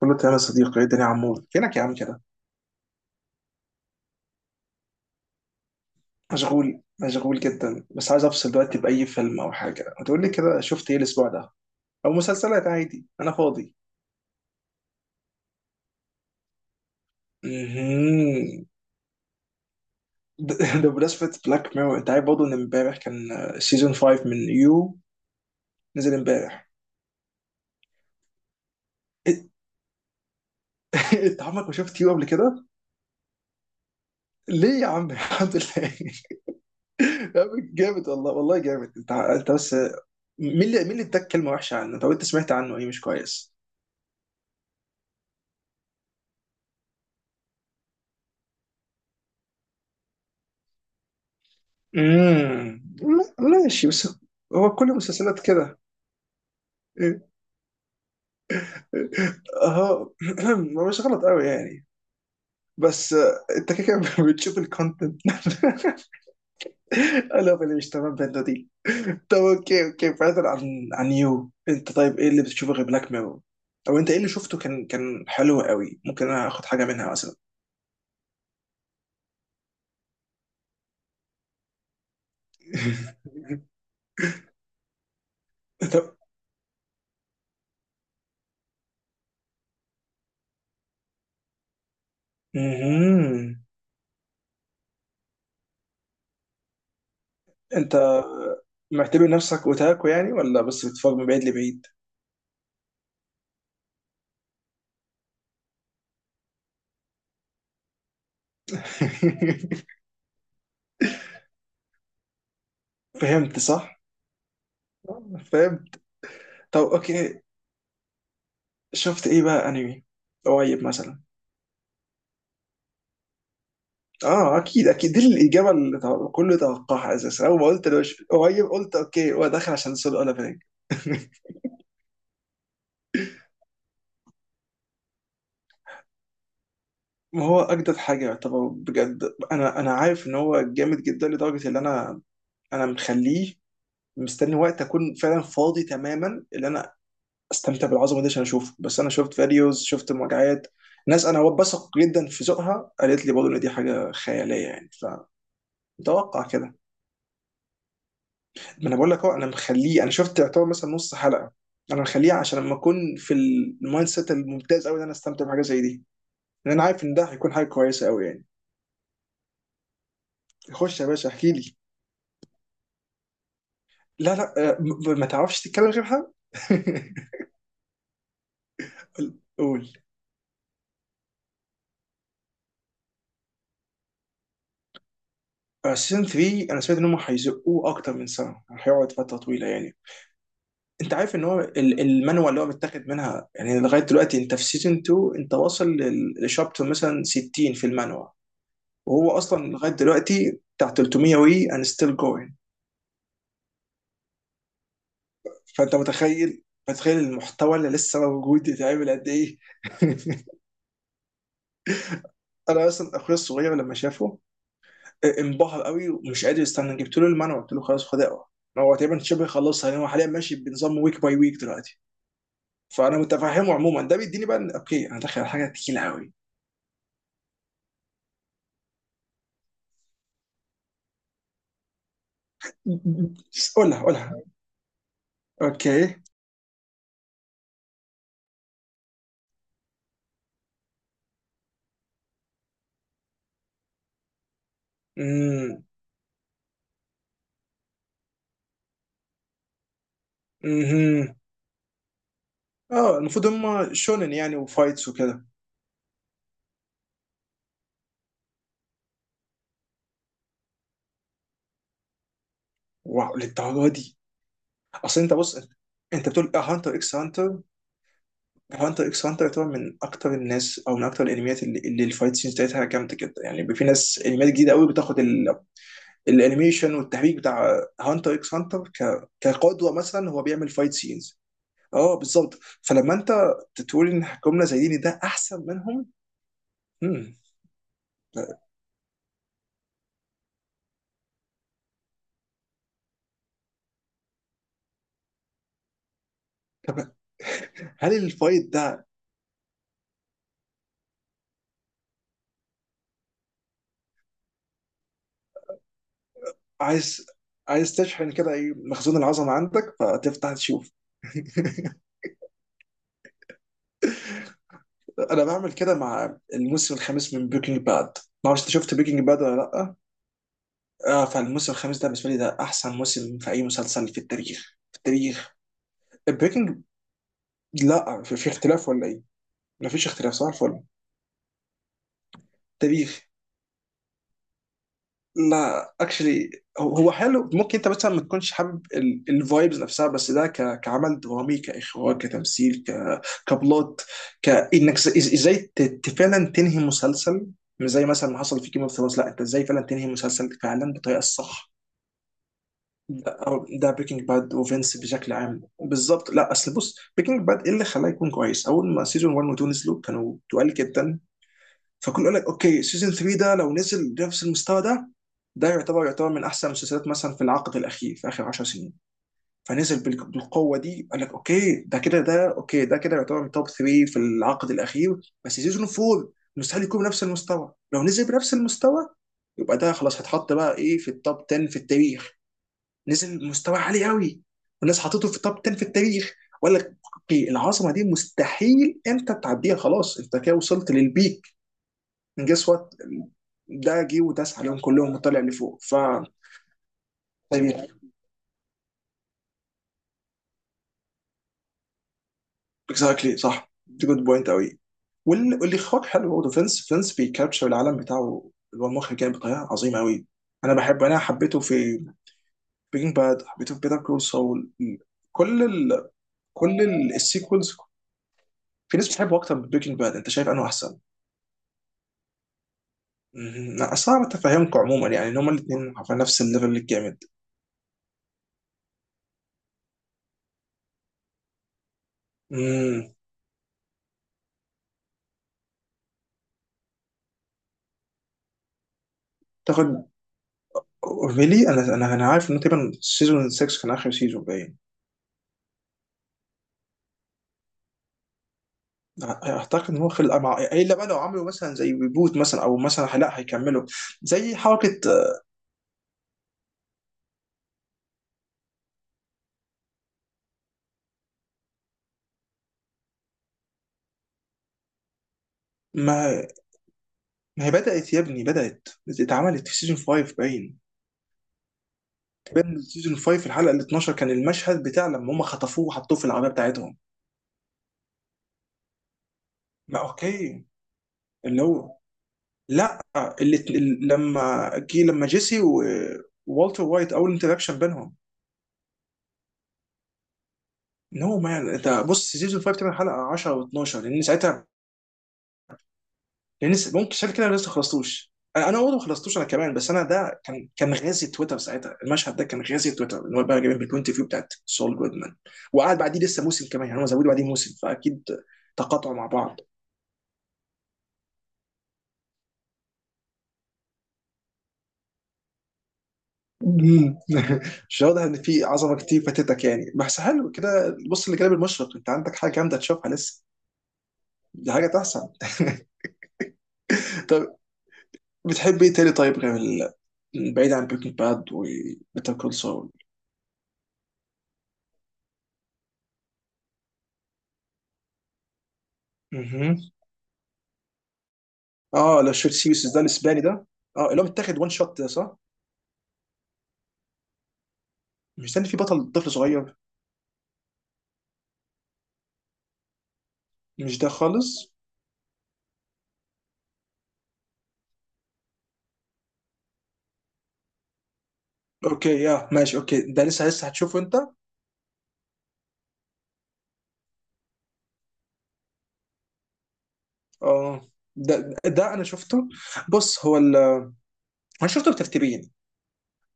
كله تمام يا صديقي، ايه الدنيا يا عمور؟ فينك يا عم كده؟ مشغول جدا، بس عايز افصل دلوقتي. باي فيلم او حاجه، ما تقول لي كده شفت ايه الاسبوع ده؟ او مسلسلات عادي، انا فاضي. مهم. ده ده بمناسبه بلاك ميرور، انت عارف برضه ان امبارح كان سيزون 5 من يو، نزل امبارح. إيه- انت عمرك ما شفت يو قبل كده؟ ليه يا عم؟ الحمد لله. يا عم جامد، والله والله جامد. انت بس، مين اللي اداك كلمه وحشه عنه؟ طب انت سمعت عنه ايه مش كويس؟ امم ماشي بس. هو كل المسلسلات كده. اه هو مش غلط قوي يعني، بس انت كده كده بتشوف الكونتنت. انا اللي مش تمام بنت دي. طب اوكي اوكي، بعيدا عن يو، انت طيب ايه اللي بتشوفه غير بلاك ميرور؟ او انت ايه اللي شفته كان حلو قوي؟ ممكن انا اخد حاجه منها مثلا. طب. مهم. انت معتبر نفسك اوتاكو يعني، ولا بس بتتفرج من بعيد لبعيد؟ فهمت، صح فهمت. طب اوكي، شفت ايه بقى انمي قريب مثلا؟ اه اكيد اكيد، دي الاجابه اللي كله توقعها اساسا. اول ما قلت لو قريب، قلت اوكي هو داخل عشان سول اولافينج. ما هو اجدد حاجه يعتبر بجد. انا عارف ان هو جامد جدا، لدرجه ان انا انا مخليه، مستني وقت اكون فعلا فاضي تماما، اللي انا استمتع بالعظمه دي عشان اشوفه. بس انا شفت فيديوز، شفت مراجعات، ناس انا بثق جدا في ذوقها قالت لي برضه ان دي حاجه خياليه يعني. فمتوقع كده. ما انا بقول لك اهو، انا مخليه. انا شفت يعتبر مثلا نص حلقه، انا مخليه عشان لما اكون في المايند سيت الممتاز قوي ان انا استمتع بحاجه زي دي، لان انا عارف ان ده هيكون حاجه كويسه قوي يعني. خش يا باشا احكي لي. لا لا، ما تعرفش تتكلم غيرها. قول. سيزون 3 انا سمعت ان هم هيزقوه اكتر من سنه، هيقعد فتره طويله يعني. انت عارف ان هو المانوال اللي هو متاخد منها؟ يعني لغايه دلوقتي انت في سيزون 2، انت واصل للشابتر مثلا 60 في المانوال، وهو اصلا لغايه دلوقتي بتاع 300 وي اند ستيل جوينج. فانت متخيل، متخيل المحتوى اللي لسه موجود يتعمل قد ايه؟ انا اصلا اخويا الصغير لما شافه، انبهر قوي ومش قادر يستنى. جبت له المانوال، قلت له خلاص خد اقرا. هو تقريبا شبه خلصها، لان هو حاليا ماشي بنظام ويك باي ويك دلوقتي. فانا متفهمه عموما. ده بيديني بقى اوكي انا داخل على حاجه تقيله قوي. قولها قولها. اوكي. امم امم اه المفروض هم شونن يعني وفايتس وكده. واو، للدرجه دي؟ اصل انت بص. انت بتقول اه هانتر اكس هانتر. هانتر اكس هانتر يعتبر من اكتر الناس او من اكتر الانميات اللي الفايت سينز بتاعتها جامده جدا يعني. بيبقى في ناس انميات جديده قوي بتاخد الانيميشن والتحريك بتاع هانتر اكس هانتر كقدوه، مثلا هو بيعمل فايت سينز. اه بالظبط. فلما انت تقول ان جمله زي دي، إن ده احسن منهم. مم. هل الفايت ده عايز، عايز تشحن كده؟ ايه مخزون العظمه عندك، فتفتح تشوف؟ انا بعمل كده مع الموسم الخامس من بريكنج باد. ما اعرفش انت شفت بريكنج باد ولا لا؟ اه، فالموسم الخامس ده بالنسبه لي ده احسن موسم في اي مسلسل في التاريخ، في التاريخ. بريكنج. لا، في اختلاف ولا ايه؟ ما فيش اختلاف صح ولا؟ التاريخ. لا اكشلي، هو حلو. ممكن انت مثلا ما تكونش حابب الفايبز نفسها، بس ده كعمل درامي، كاخراج، كتمثيل، كبلوت. كانك ازاي فعلا تنهي مسلسل؟ مش زي مثلا ما حصل في جيم اوف ثرونز. لا، انت ازاي فعلا تنهي مسلسل فعلا بالطريقه الصح؟ ده أو ده بريكنج باد وفينس بشكل عام بالظبط. لا اصل بص، بريكنج باد ايه اللي خلاه يكون كويس؟ اول ما سيزون 1 و2 نزلوا، كانوا تقال جدا. فكنت اقول لك اوكي، سيزون 3 ده لو نزل بنفس المستوى ده، ده يعتبر يعتبر من احسن المسلسلات، مثلا في العقد الاخير في اخر 10 سنين. فنزل بالقوه دي، قال لك اوكي ده كده، ده اوكي، ده كده يعتبر من توب 3 في العقد الاخير. بس سيزون 4 مستحيل يكون بنفس المستوى. لو نزل بنفس المستوى، يبقى ده خلاص هيتحط بقى ايه، في التوب 10 في التاريخ. نزل مستوى عالي قوي، والناس حطته في التوب 10 في التاريخ. وقال لك اوكي العظمه دي مستحيل انت تعديها، خلاص انت كده وصلت للبيك. جس وات، ده جه وداس عليهم كلهم وطلع لفوق. طيب. اكزاكتلي صح، دي جود بوينت قوي. واللي خد حلو برضه فينس، فينس بيكابتشر العالم بتاعه، اللي هو المخرج، يعني بطريقه عظيمه قوي. انا بحب، انا حبيته في بريكنج باد، حبيته في بيتر كول سول. كل ال... السيكولز. في ناس بتحبه اكتر من بريكنج باد، انت شايف انه احسن؟ مم. لا اصل انا بتفهمكم عموما يعني ان هما الاثنين على نفس الليفل الجامد. امم. تاخد فيلي. انا عارف انه تقريبا سيزون 6 كان اخر سيزون باين. اعتقد ان هو خلق. مع الا بقى لو عملوا مثلا زي ريبوت، مثلا او مثلا لا هيكملوا زي حركه. ما ما هي بدات يا ابني، بدات. اتعملت في سيزون 5 باين. باين سيزون 5، الحلقه ال 12، كان المشهد بتاع لما هم خطفوه وحطوه في العربيه بتاعتهم. ما اوكي. اللي هو، لا، لما جه، لما جيسي ووالتر وايت اول انتراكشن بينهم. نو مان، انت بص سيزون 5 8، حلقه 10 و12، لان ساعتها يعني لسه ممكن شايف كده. أنا لسه ما خلصتوش انا، برضه ما خلصتوش انا كمان. بس انا ده كان كان غازي تويتر ساعتها، المشهد ده كان غازي تويتر ان هو بقى جايبين بالبوينت فيو بتاعت سول جودمان. وقعد بعديه لسه موسم كمان يعني هم زودوا بعديه موسم. فاكيد تقاطعوا مع بعض. مم. مش واضح ان في عظمه كتير فاتتك يعني. بس حلو كده بص، اللي جاب المشرق، انت عندك حاجه جامده تشوفها لسه، دي حاجه تحسن. طب. بتحب ايه تاني طيب، غير بعيد عن بريكنج باد وبيتر كول سول؟ اه، لا شوت سيريس ده الاسباني ده، اه اللي هو متاخد وان شوت، ده صح؟ مش ده اللي فيه بطل طفل صغير؟ مش ده خالص. اوكي يا ماشي. اوكي، ده لسه لسه هتشوفه انت. اه ده انا شفته. بص هو انا شفته بترتيبين،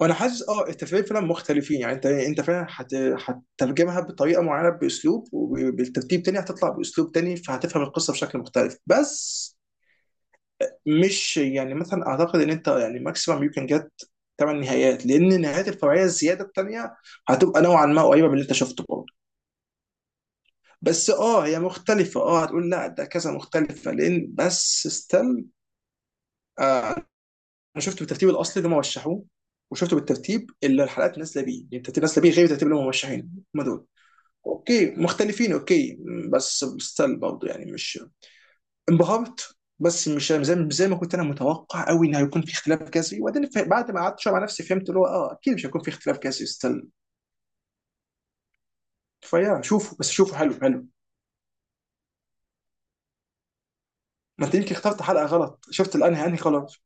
وانا حاسس اه الترتيبين فعلا مختلفين يعني. انت فعلا هتترجمها بطريقه معينه باسلوب، وبالترتيب تاني هتطلع باسلوب تاني، فهتفهم القصه بشكل مختلف. بس مش يعني مثلا اعتقد ان انت يعني، ماكسيمم يو كان جت ثمان نهايات، لان نهايات الفرعيه الزياده الثانيه هتبقى نوعا ما قريبه من اللي انت شفته برضه. بس اه هي مختلفه، اه هتقول لا ده كذا مختلفه، لان بس ستيل. آه، انا شفت بالترتيب الاصلي اللي هم رشحوه، وشفته بالترتيب اللي الحلقات نازله بيه، يعني الترتيب نازله بيه غير الترتيب اللي هم مرشحينه. هم دول اوكي مختلفين، اوكي، بس ستيل برضه يعني مش انبهرت، بس مش زي زي ما كنت انا متوقع قوي ان هيكون في اختلاف جذري. وبعدين بعد ما قعدت شويه مع نفسي فهمت اللي هو اه اكيد مش هيكون في اختلاف جذري، ستيل. فيا شوفوا بس شوفوا، حلو حلو. ما انت يمكن اخترت حلقه غلط، شفت الانهي، انهي خلاص؟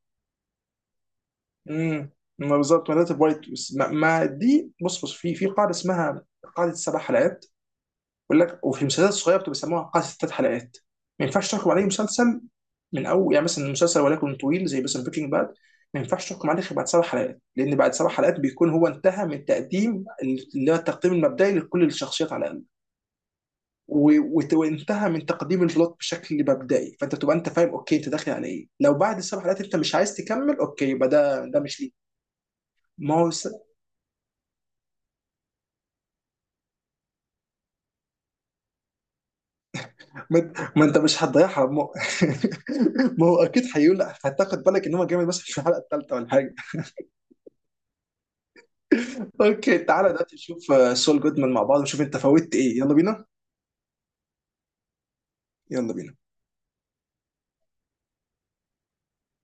امم. ما بالظبط. ما ده وايت، بس ما دي. بص بص، في قاعده اسمها قاعده سبع حلقات. بيقول لك، وفي المسلسلات الصغيره بتبقى بيسموها قاعده ست حلقات، ما ينفعش تحكم عليه مسلسل من اول. يعني مثلا مسلسل ولكن طويل زي مثلا بريكنج باد، ما ينفعش تحكم عليه غير بعد سبع حلقات، لان بعد سبع حلقات بيكون هو انتهى من تقديم، اللي هو التقديم المبدئي لكل الشخصيات على الاقل، وانتهى من تقديم البلوت بشكل مبدئي. فانت تبقى انت فاهم اوكي انت داخل على ايه. لو بعد السبع حلقات انت مش عايز تكمل، اوكي يبقى ده ده مش ليك. ما هو س... ما ما انت مش هتضيعها، ما هو. ما هو اكيد هيقول، هتاخد بالك ان هو جامد مثلا في الحلقه الثالثه ولا حاجه. اوكي تعالى دلوقتي نشوف سول جودمان مع بعض ونشوف انت فوتت ايه. يلا بينا. يلا بينا.